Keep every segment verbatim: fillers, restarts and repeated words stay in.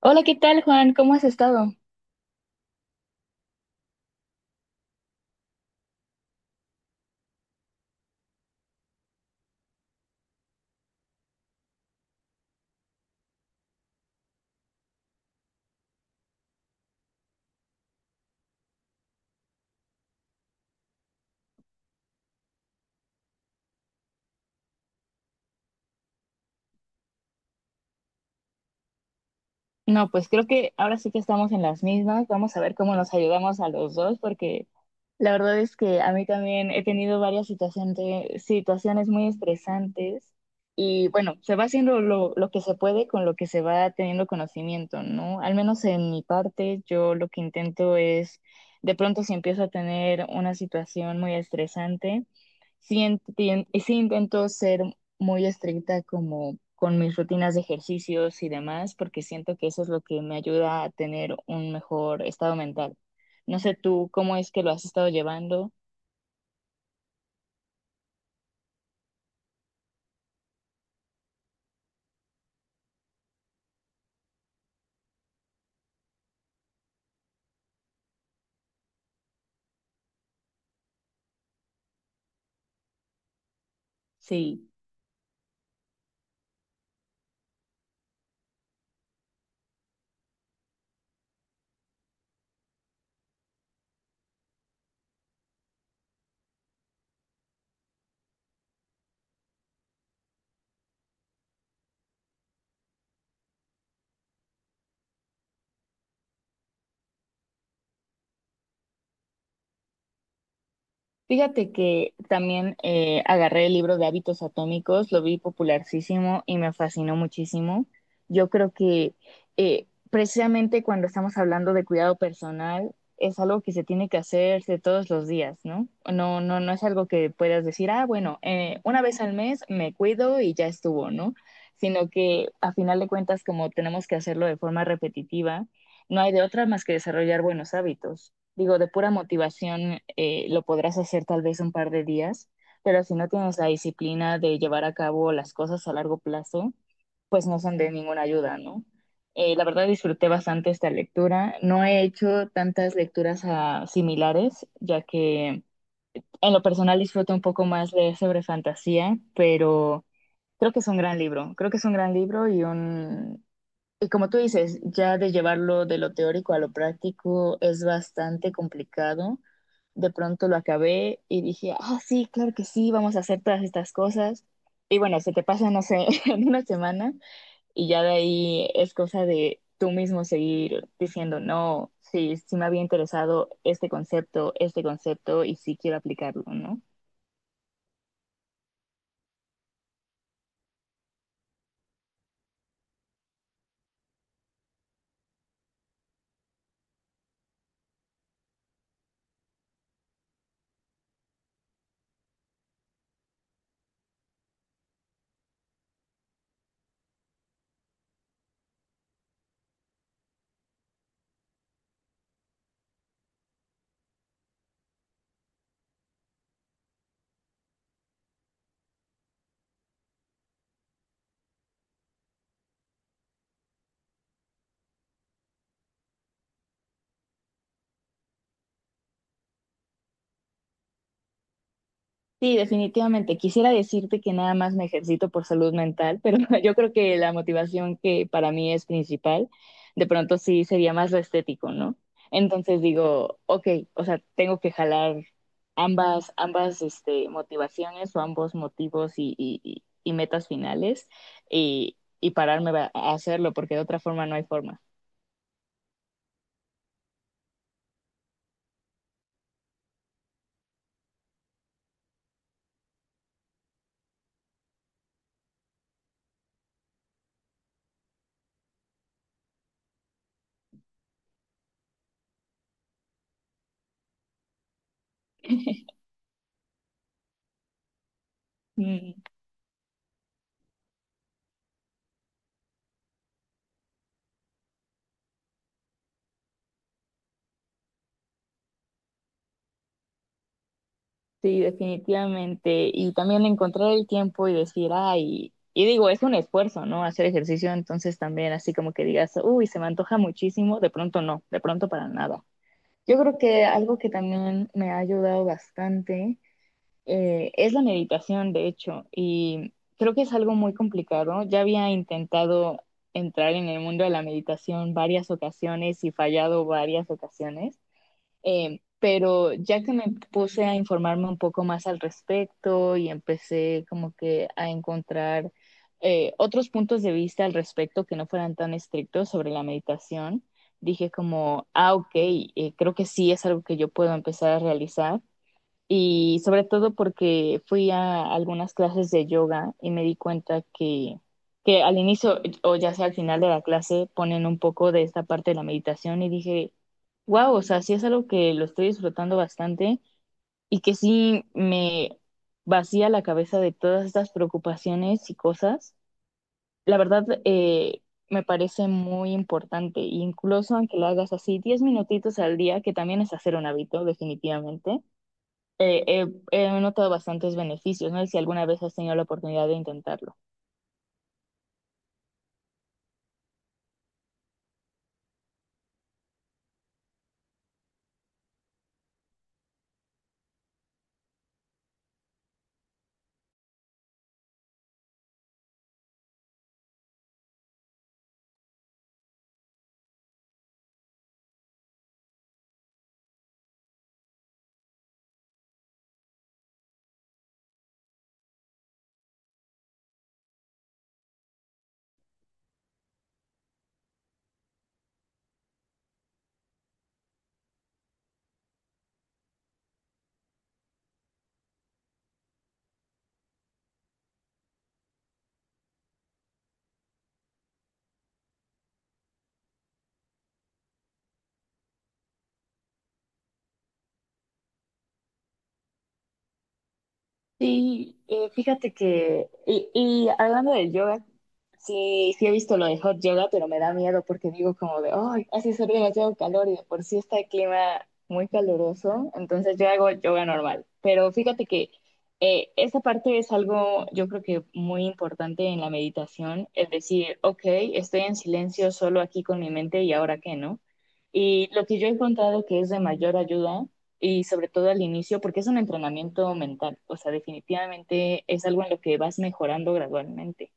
Hola, ¿qué tal, Juan? ¿Cómo has estado? No, pues creo que ahora sí que estamos en las mismas. Vamos a ver cómo nos ayudamos a los dos, porque la verdad es que a mí también he tenido varias situaciones, situaciones muy estresantes y bueno, se va haciendo lo, lo que se puede con lo que se va teniendo conocimiento, ¿no? Al menos en mi parte, yo lo que intento es, de pronto si empiezo a tener una situación muy estresante. Sí, entien- sí intento ser muy estricta como con mis rutinas de ejercicios y demás, porque siento que eso es lo que me ayuda a tener un mejor estado mental. No sé tú cómo es que lo has estado llevando, sí. Fíjate que también eh, agarré el libro de hábitos atómicos, lo vi popularísimo y me fascinó muchísimo. Yo creo que eh, precisamente cuando estamos hablando de cuidado personal, es algo que se tiene que hacer de todos los días, ¿no? No, no, no es algo que puedas decir, ah, bueno, eh, una vez al mes me cuido y ya estuvo, ¿no? Sino que a final de cuentas, como tenemos que hacerlo de forma repetitiva, no hay de otra más que desarrollar buenos hábitos. Digo, de pura motivación eh, lo podrás hacer tal vez un par de días, pero si no tienes la disciplina de llevar a cabo las cosas a largo plazo, pues no son de ninguna ayuda, ¿no? Eh, la verdad disfruté bastante esta lectura. No he hecho tantas lecturas ah, similares, ya que en lo personal disfruto un poco más leer sobre fantasía, pero creo que es un gran libro. Creo que es un gran libro y un, y como tú dices, ya de llevarlo de lo teórico a lo práctico es bastante complicado. De pronto lo acabé y dije, ah, sí, claro que sí, vamos a hacer todas estas cosas. Y bueno, se te pasa, no sé, en una semana y ya de ahí es cosa de tú mismo seguir diciendo, no, sí, sí me había interesado este concepto, este concepto y sí quiero aplicarlo, ¿no? Sí, definitivamente. Quisiera decirte que nada más me ejercito por salud mental, pero yo creo que la motivación que para mí es principal, de pronto sí sería más lo estético, ¿no? Entonces digo, ok, o sea, tengo que jalar ambas, ambas, este, motivaciones o ambos motivos y, y- y- y metas finales y, y pararme a a hacerlo, porque de otra forma no hay forma. Mm. Sí, definitivamente. Y también encontrar el tiempo y decir, ay, y digo, es un esfuerzo, ¿no? Hacer ejercicio, entonces también así como que digas, uy, se me antoja muchísimo, de pronto no, de pronto para nada. Yo creo que algo que también me ha ayudado bastante eh, es la meditación, de hecho, y creo que es algo muy complicado. Ya había intentado entrar en el mundo de la meditación varias ocasiones y fallado varias ocasiones. Eh, pero ya que me puse a informarme un poco más al respecto y empecé como que a encontrar eh, otros puntos de vista al respecto que no fueran tan estrictos sobre la meditación, dije como, ah, ok, eh, creo que sí es algo que yo puedo empezar a realizar y sobre todo porque fui a algunas clases de yoga y me di cuenta que, que al inicio o ya sea al final de la clase ponen un poco de esta parte de la meditación y dije, wow, o sea, sí es algo que lo estoy disfrutando bastante y que sí me vacía la cabeza de todas estas preocupaciones y cosas. La verdad, eh, me parece muy importante, incluso aunque lo hagas así diez minutitos al día, que también es hacer un hábito, definitivamente eh, he he notado bastantes beneficios, ¿no? Y si alguna vez has tenido la oportunidad de intentarlo. Sí, eh, fíjate que, y, y hablando del yoga, sí, sí he visto lo de hot yoga, pero me da miedo porque digo como de, ay, hace ser demasiado calor y de por sí está el clima muy caluroso, entonces yo hago yoga normal. Pero fíjate que eh, esa parte es algo, yo creo que muy importante en la meditación, es decir, ok, estoy en silencio solo aquí con mi mente y ahora qué, ¿no? Y lo que yo he encontrado que es de mayor ayuda y sobre todo al inicio, porque es un entrenamiento mental, o sea, definitivamente es algo en lo que vas mejorando gradualmente.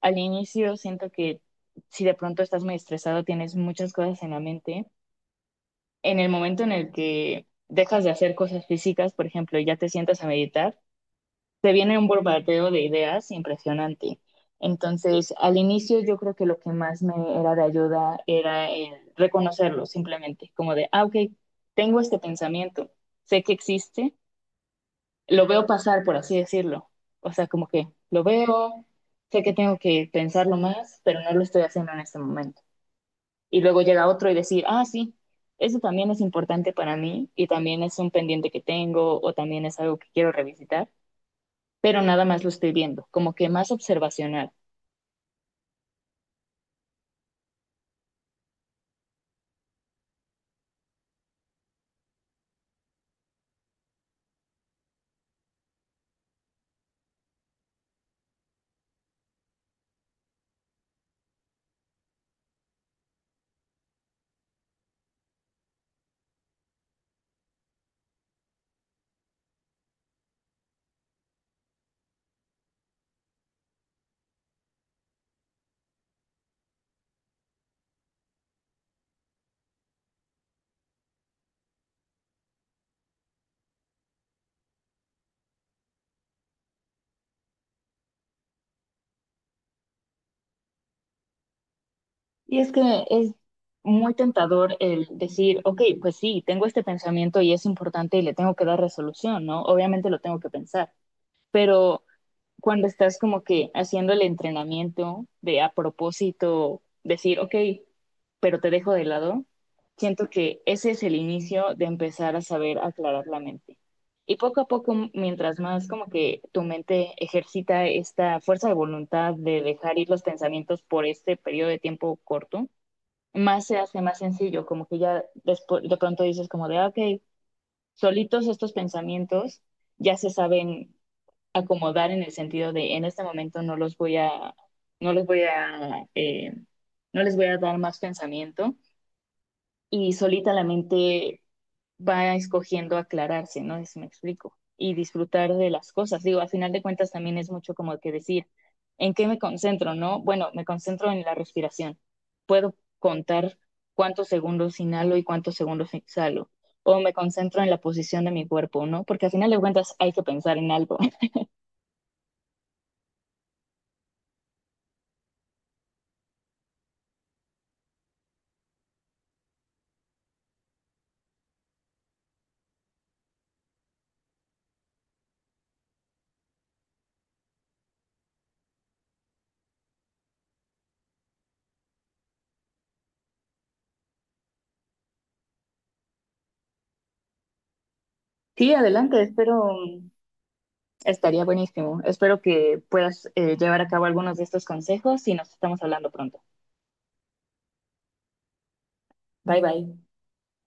Al inicio siento que si de pronto estás muy estresado, tienes muchas cosas en la mente, en el momento en el que dejas de hacer cosas físicas, por ejemplo, y ya te sientas a meditar, te viene un bombardeo de ideas impresionante. Entonces, al inicio yo creo que lo que más me era de ayuda era el reconocerlo simplemente, como de, ah, ok, tengo este pensamiento, sé que existe, lo veo pasar, por así decirlo. O sea, como que lo veo, sé que tengo que pensarlo más, pero no lo estoy haciendo en este momento. Y luego llega otro y decir, ah, sí, eso también es importante para mí y también es un pendiente que tengo o también es algo que quiero revisitar, pero nada más lo estoy viendo, como que más observacional. Y es que es muy tentador el decir, ok, pues sí, tengo este pensamiento y es importante y le tengo que dar resolución, ¿no? Obviamente lo tengo que pensar, pero cuando estás como que haciendo el entrenamiento de a propósito decir, ok, pero te dejo de lado, siento que ese es el inicio de empezar a saber aclarar la mente. Y poco a poco, mientras más como que tu mente ejercita esta fuerza de voluntad de dejar ir los pensamientos por este periodo de tiempo corto, más se hace más sencillo, como que ya despu- de pronto dices como de, ah, ok, solitos estos pensamientos ya se saben acomodar en el sentido de en este momento no los voy a, no les voy a, eh, no les voy a dar más pensamiento y solita la mente va escogiendo aclararse, ¿no? Es me explico. Y disfrutar de las cosas. Digo, a final de cuentas también es mucho como que decir, ¿en qué me concentro, no? Bueno, me concentro en la respiración. Puedo contar cuántos segundos inhalo y cuántos segundos exhalo. O me concentro en la posición de mi cuerpo, ¿no? Porque a final de cuentas hay que pensar en algo. Sí, adelante, espero, mm, estaría buenísimo. Espero que puedas eh, llevar a cabo algunos de estos consejos y nos estamos hablando pronto. Bye bye.